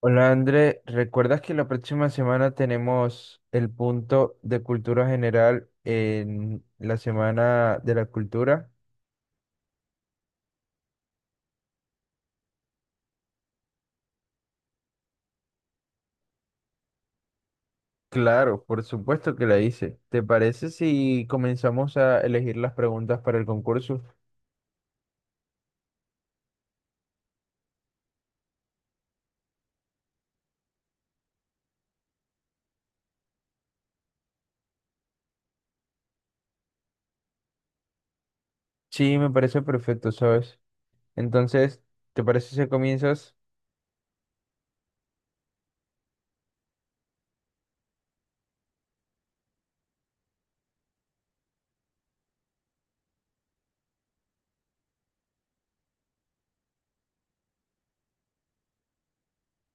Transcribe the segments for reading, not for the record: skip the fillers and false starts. Hola André, ¿recuerdas que la próxima semana tenemos el punto de cultura general en la Semana de la Cultura? Claro, por supuesto que la hice. ¿Te parece si comenzamos a elegir las preguntas para el concurso? Sí, me parece perfecto, ¿sabes? Entonces, ¿te parece si comienzas?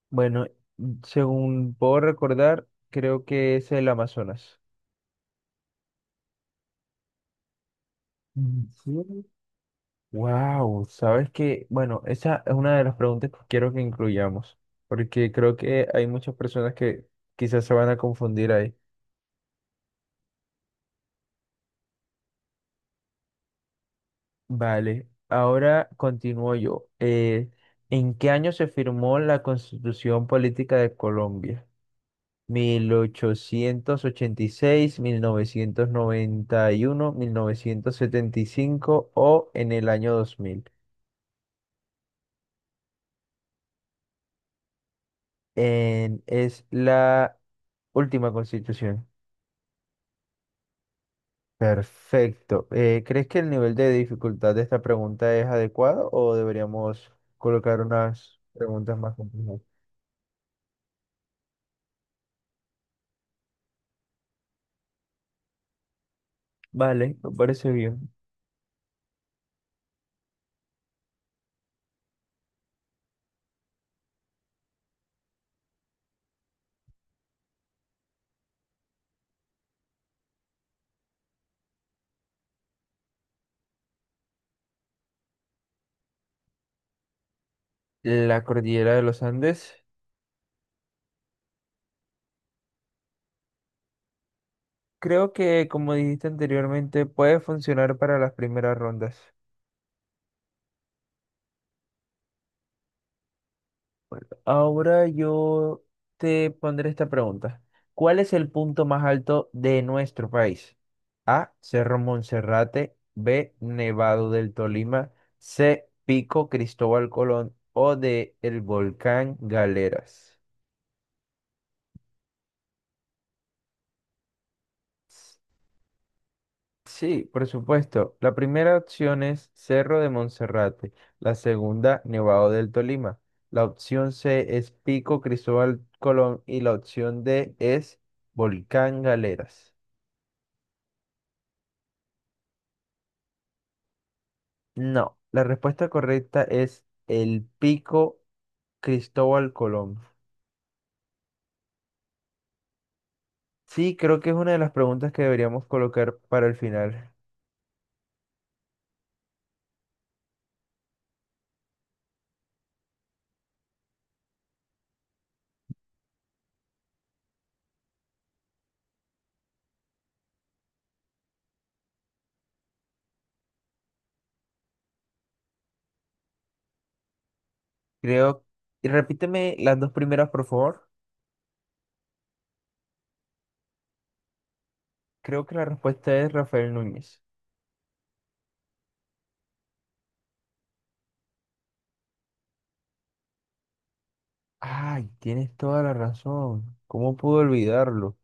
Bueno, según puedo recordar, creo que es el Amazonas. Mm, sí. Wow, sabes que, bueno, esa es una de las preguntas que quiero que incluyamos, porque creo que hay muchas personas que quizás se van a confundir ahí. Vale, ahora continúo yo. ¿En qué año se firmó la Constitución Política de Colombia? Mil ochocientos ochenta y seis, novecientos noventa y uno, 1975, ¿o en el año 2000? Es la última constitución. Perfecto. ¿Crees que el nivel de dificultad de esta pregunta es adecuado o deberíamos colocar unas preguntas más complejas? Vale, me parece bien. La cordillera de los Andes, creo que como dijiste anteriormente, puede funcionar para las primeras rondas. Ahora yo te pondré esta pregunta. ¿Cuál es el punto más alto de nuestro país? A, Cerro Monserrate. B, Nevado del Tolima. C, Pico Cristóbal Colón. O D, el volcán Galeras. S- Sí, por supuesto. La primera opción es Cerro de Monserrate. La segunda, Nevado del Tolima. La opción C es Pico Cristóbal Colón y la opción D es Volcán Galeras. No, la respuesta correcta es el Pico Cristóbal Colón. Sí, creo que es una de las preguntas que deberíamos colocar para el final. Creo, y repíteme las dos primeras, por favor. Creo que la respuesta es Rafael Núñez. Ay, tienes toda la razón. ¿Cómo pude olvidarlo?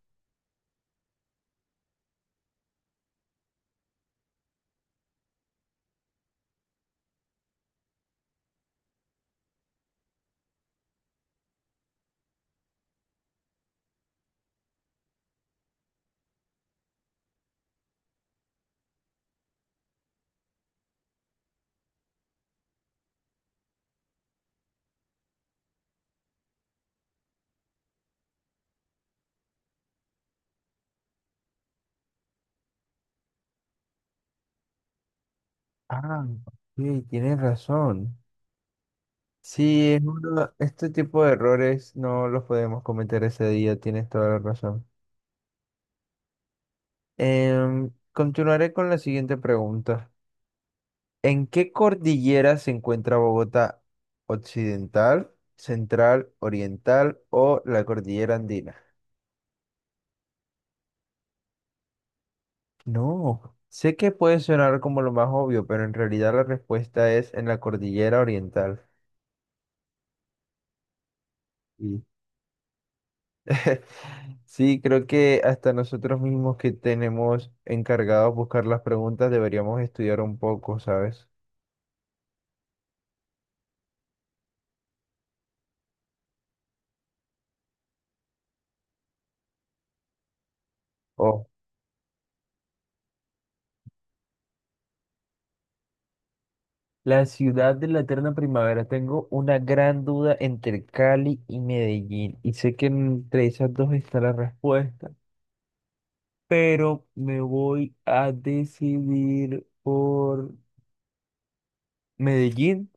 Ah, sí, tienes razón. Sí, es este tipo de errores no los podemos cometer ese día, tienes toda la razón. Continuaré con la siguiente pregunta. ¿En qué cordillera se encuentra Bogotá? ¿Occidental, central, oriental o la cordillera andina? No, sé que puede sonar como lo más obvio, pero en realidad la respuesta es en la cordillera oriental. Mm. Sí, creo que hasta nosotros mismos que tenemos encargados buscar las preguntas deberíamos estudiar un poco, ¿sabes? O. La ciudad de la eterna primavera. Tengo una gran duda entre Cali y Medellín. Y sé que entre esas dos está la respuesta. Pero me voy a decidir por Medellín.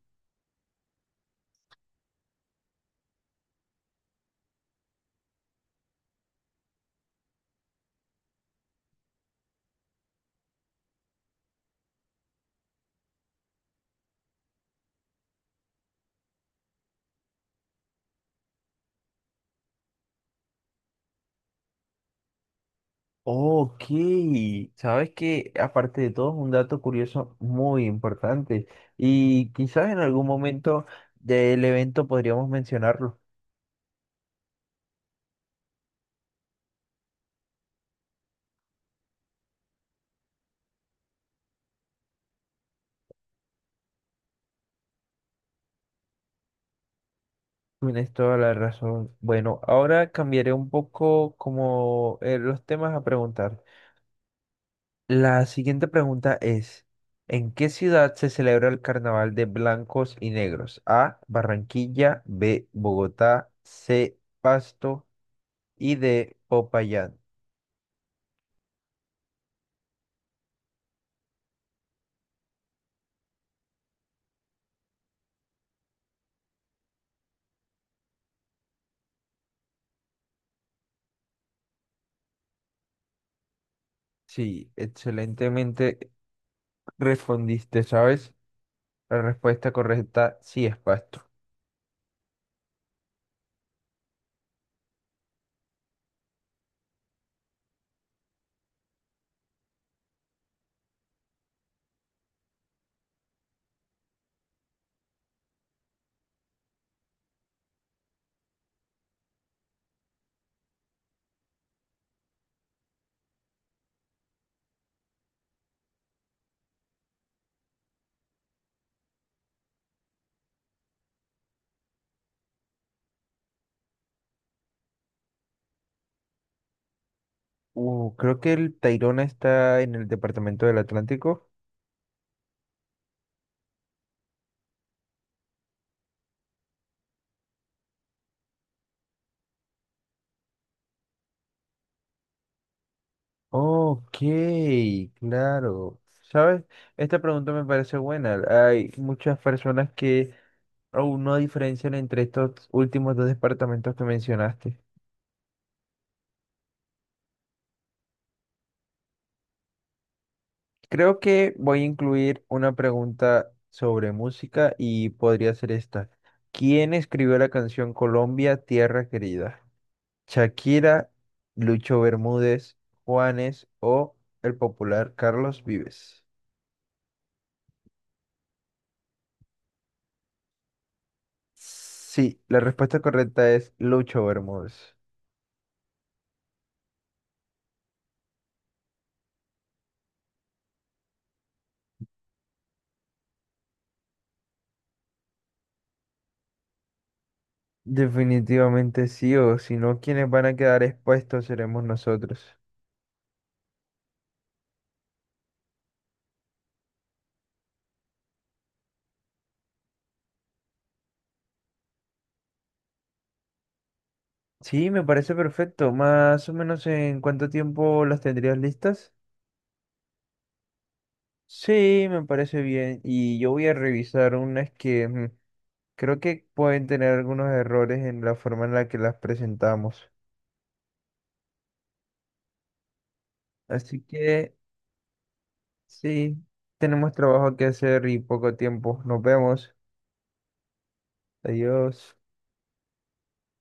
Ok. Sabes que aparte de todo es un dato curioso muy importante. Y quizás en algún momento del evento podríamos mencionarlo. Tienes toda la razón. Bueno, ahora cambiaré un poco como los temas a preguntar. La siguiente pregunta es, ¿en qué ciudad se celebra el Carnaval de Blancos y Negros? A, Barranquilla, B, Bogotá, C, Pasto y D, Popayán. Sí, excelentemente respondiste, ¿sabes? La respuesta correcta sí es Pasto. Creo que el Tayrona está en el departamento del Atlántico. Ok, claro. ¿Sabes? Esta pregunta me parece buena. Hay muchas personas que aún no diferencian entre estos últimos dos departamentos que mencionaste. Creo que voy a incluir una pregunta sobre música y podría ser esta. ¿Quién escribió la canción Colombia, Tierra Querida? ¿Shakira, Lucho Bermúdez, Juanes o el popular Carlos Vives? Sí, la respuesta correcta es Lucho Bermúdez. Definitivamente sí, o si no, quienes van a quedar expuestos seremos nosotros. Sí, me parece perfecto. Más o menos en cuánto tiempo las tendrías listas. Sí, me parece bien. Y yo voy a revisar unas que creo que pueden tener algunos errores en la forma en la que las presentamos. Así que sí, tenemos trabajo que hacer y poco tiempo. Nos vemos. Adiós.